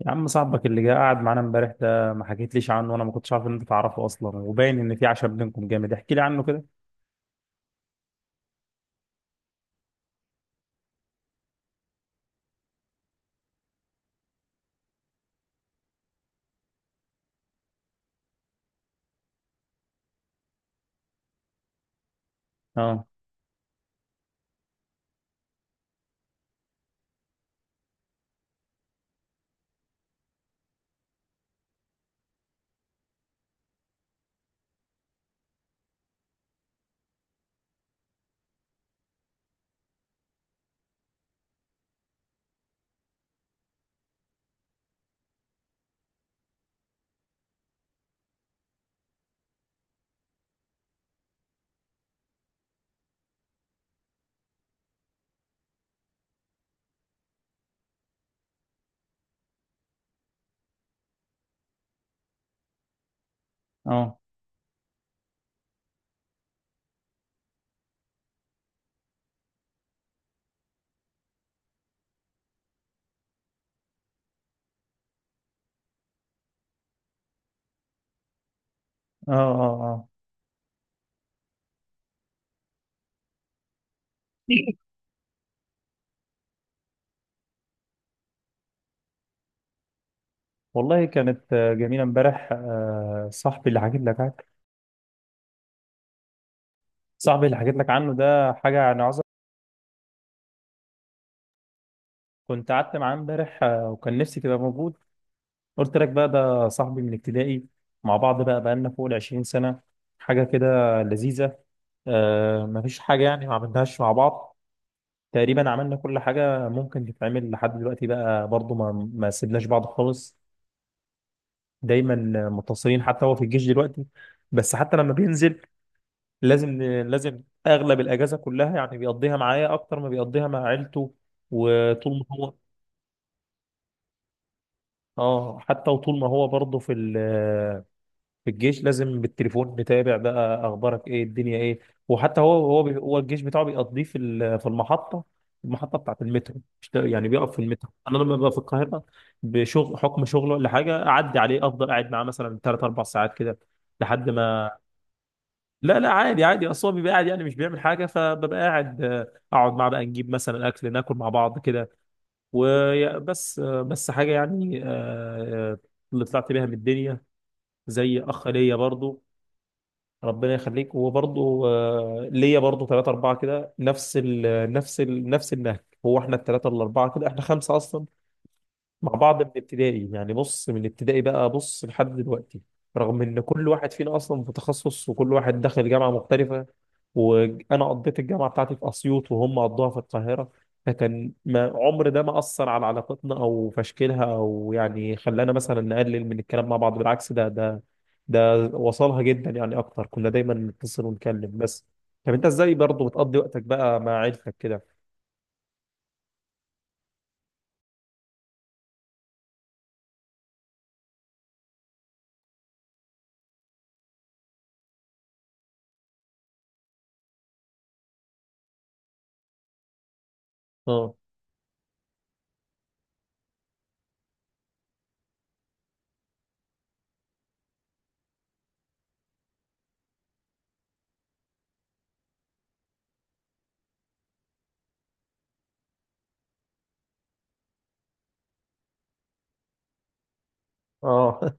يا عم صاحبك اللي جه قاعد معانا امبارح ده ما حكيتليش عنه وانا ما كنتش عارف ان انت تعرفه اصلا، وباين ان في عشم بينكم جامد، احكي لي عنه كده. اه. اه. اه. اه. اه. والله كانت جميله امبارح. صاحبي اللي حكيت لك عنه، صاحبي اللي حكيت لك عنه ده حاجه يعني عظمه. كنت قعدت معاه امبارح، وكان نفسي تبقى موجود. قلت لك بقى ده صاحبي من ابتدائي، مع بعض بقى بقالنا فوق ال 20 سنه، حاجه كده لذيذه. مفيش حاجه يعني ما عملناهاش مع بعض، تقريبا عملنا كل حاجة ممكن تتعمل لحد دلوقتي. بقى برضو ما سيبناش بعض خالص، دايما متصلين. حتى هو في الجيش دلوقتي، بس حتى لما بينزل لازم لازم أغلب الأجازة كلها يعني بيقضيها معايا أكتر ما بيقضيها مع عيلته. وطول ما هو، اه حتى وطول ما هو برضه في في الجيش لازم بالتليفون نتابع بقى اخبارك ايه، الدنيا ايه. وحتى هو الجيش بتاعه بيقضيه في المحطه، المحطه بتاعه المترو. مش ده- يعني بيقف في المترو. انا لما ببقى في القاهره بشغل حكم شغله ولا حاجه، اعدي عليه افضل قاعد معاه مثلا ثلاث اربع ساعات كده لحد ما. لا لا، عادي عادي، اصل هو بيبقى قاعد يعني مش بيعمل حاجه، فببقى قاعد، اقعد معاه بقى نجيب مثلا اكل ناكل مع بعض كده وبس. بس حاجه يعني، آه، اللي طلعت بيها من الدنيا زي اخ ليا برضو. ربنا يخليك. وبرضه ليا برضه ثلاثة أربعة كده نفس ال نفس النهج. هو احنا الثلاثة الأربعة كده احنا خمسة أصلا مع بعض من ابتدائي، يعني بص من ابتدائي بقى بص لحد دلوقتي، رغم ان كل واحد فينا اصلا في تخصص وكل واحد دخل جامعه مختلفه، وانا قضيت الجامعه بتاعتي في اسيوط وهم قضوها في القاهره. فكان ما عمر ده ما اثر على علاقتنا او في تشكيلها، او يعني خلانا مثلا نقلل من الكلام مع بعض، بالعكس. ده وصلها جدا يعني اكتر، كنا دايما نتصل ونتكلم بس. طب انت ازاي برضه بتقضي وقتك بقى مع عيلتك كده؟ اه. اه.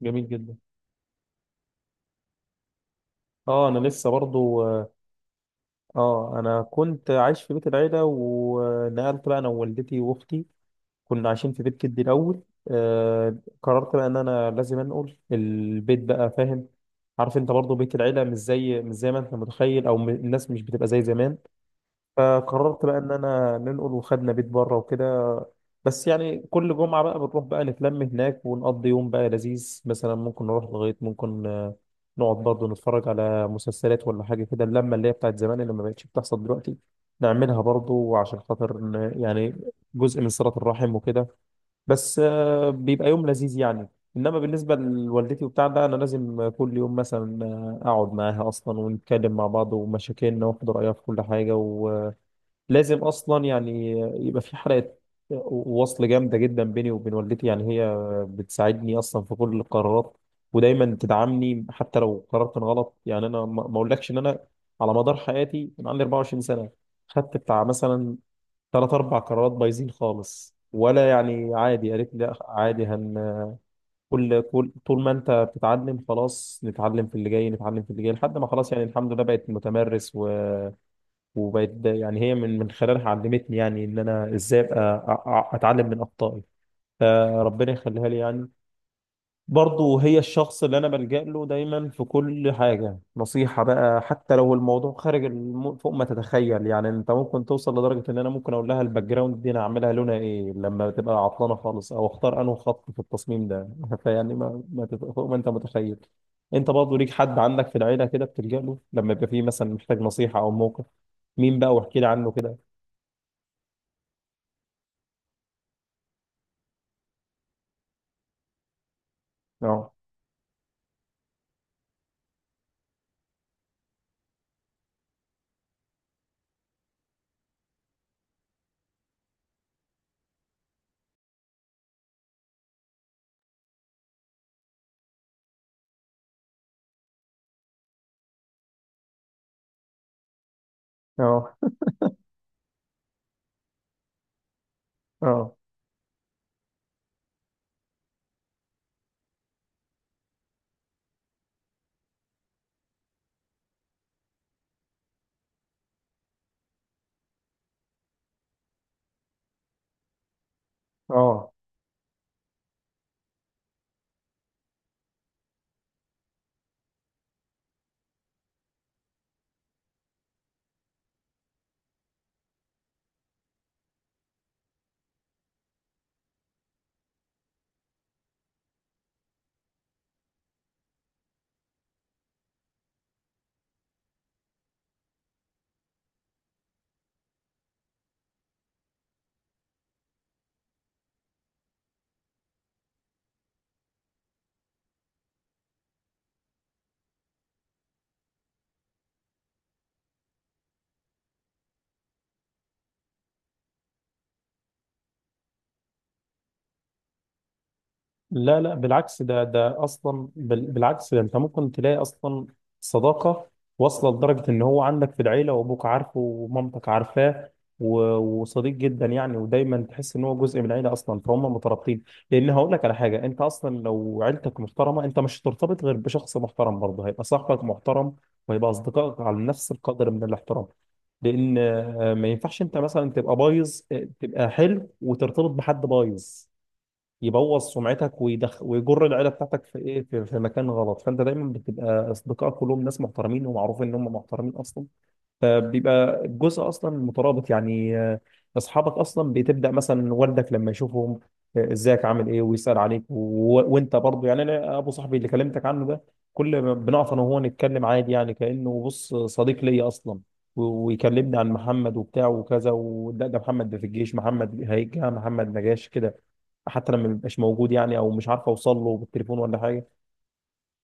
جميل جدا. اه انا لسه برضو. اه انا كنت عايش في بيت العيله ونقلت بقى انا ووالدتي واختي، كنا عايشين في بيت جدي الاول. آه. قررت بقى ان انا لازم انقل البيت بقى، فاهم؟ عارف انت برضو بيت العيله مش زي ما انت متخيل، الناس مش بتبقى زي زمان. فقررت بقى ان انا ننقل وخدنا بيت بره وكده. بس يعني كل جمعه بنروح بقى نتلم هناك ونقضي يوم بقى لذيذ، مثلا ممكن نروح لغايه ممكن، نقعد برضه نتفرج على مسلسلات ولا حاجه كده، اللمه اللي هي بتاعت زمان اللي ما بقتش بتحصل دلوقتي نعملها برضه عشان خاطر يعني جزء من صله الرحم وكده. بس بيبقى يوم لذيذ يعني. انما بالنسبه لوالدتي وبتاع ده، انا لازم كل يوم مثلا اقعد معاها اصلا ونتكلم مع بعض ومشاكلنا، واخد رايها في كل حاجه، لازم اصلا يعني. يبقى في حلقه وصل جامده جدا بيني وبين والدتي. يعني هي بتساعدني اصلا في كل القرارات ودايما تدعمني حتى لو قرار كان غلط. يعني انا ما اقولكش ان انا على مدار حياتي من عندي 24 سنه خدت بتاع مثلا ثلاث اربع قرارات بايظين خالص، ولا يعني عادي قالت لي لا عادي، هن كل طول ما انت بتتعلم خلاص نتعلم في اللي جاي، نتعلم في اللي جاي لحد ما خلاص يعني الحمد لله بقيت متمرس. وبقت يعني هي من خلالها علمتني يعني ان انا ازاي ابقى اتعلم من اخطائي، فربنا يخليها لي يعني. برضه هي الشخص اللي انا بلجأ له دايما في كل حاجه، نصيحه بقى حتى لو الموضوع خارج فوق ما تتخيل. يعني انت ممكن توصل لدرجه ان انا ممكن اقول لها الباك جراوند دي انا اعملها لونها ايه لما تبقى عطلانه خالص، او اختار انه خط في التصميم ده. فيعني ما... ما تت... فوق ما انت متخيل. انت برضه ليك حد عندك في العيله كده بتلجأ له لما يبقى فيه مثلا محتاج نصيحه او موقف؟ مين بقى؟ واحكي لي عنه كده. اه. اه. اه. اه. لا لا، بالعكس، بالعكس ده. انت ممكن تلاقي اصلا صداقه واصله لدرجه ان هو عندك في العيله وابوك عارفه ومامتك عارفاه، وصديق جدا يعني، ودايما تحس ان هو جزء من العيله اصلا، فهم مترابطين. لان هقول لك على حاجه، انت اصلا لو عيلتك محترمه انت مش هترتبط غير بشخص محترم، برضه هيبقى صاحبك محترم وهيبقى اصدقائك على نفس القدر من الاحترام. لان ما ينفعش انت مثلا تبقى بايظ، تبقى حلو وترتبط بحد بايظ يبوظ سمعتك ويدخ ويجر العيله بتاعتك في ايه، في مكان غلط. فانت دايما بتبقى اصدقائك كلهم ناس محترمين ومعروف ان هم محترمين اصلا، فبيبقى الجزء اصلا مترابط يعني. اصحابك اصلا بتبدا مثلا والدك لما يشوفهم ازيك عامل ايه، ويسال عليك وانت برضو يعني. انا ابو صاحبي اللي كلمتك عنه ده كل ما بنقف انا وهو نتكلم عادي يعني، كانه بص صديق ليا اصلا، ويكلمني عن محمد وبتاع وكذا، ده محمد ده في الجيش، محمد هيجي، محمد ما جاش كده، حتى لما بيبقاش موجود يعني او مش عارف اوصل له بالتليفون ولا حاجه.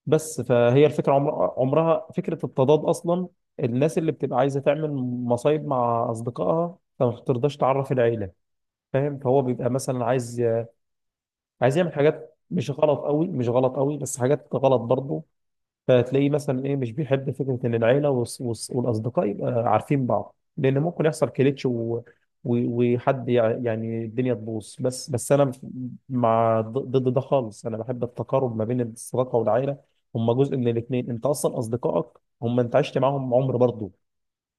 بس فهي الفكرة عمرها فكرة التضاد أصلا. الناس اللي بتبقى عايزة تعمل مصايب مع أصدقائها فما بترضاش تعرف العيلة، فاهم؟ فهو بيبقى مثلا عايز، عايز يعمل حاجات مش غلط قوي مش غلط قوي، بس حاجات غلط برضه. فتلاقيه مثلا ايه مش بيحب فكره ان العيله والاصدقاء يبقى عارفين بعض، لان ممكن يحصل كليتش وحد يعني الدنيا تبوظ. بس انا مع ضد ده خالص، انا بحب التقارب ما بين الصداقه والعيله، هم جزء من الاثنين. انت اصلا اصدقائك هم انت عشت معاهم عمر برضه،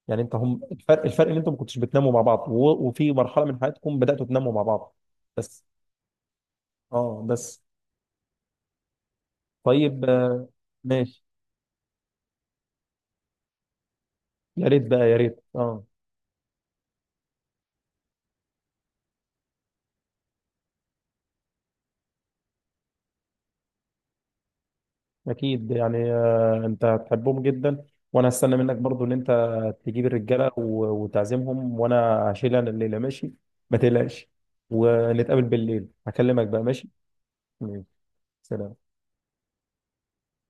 يعني انت هم. الفرق، الفرق ان انتم ما كنتش بتناموا مع بعض، وفي مرحله من حياتكم بداتوا تناموا مع بعض بس. اه بس. طيب، ماشي. يا ريت بقى، يا ريت. اه اكيد يعني، انت هتحبهم جدا. وانا هستنى منك برضو ان انت تجيب الرجاله وتعزمهم، وانا هشيل انا الليله. ماشي، ما تقلقش. ونتقابل بالليل، هكلمك بقى. ماشي. ماشي. سلام.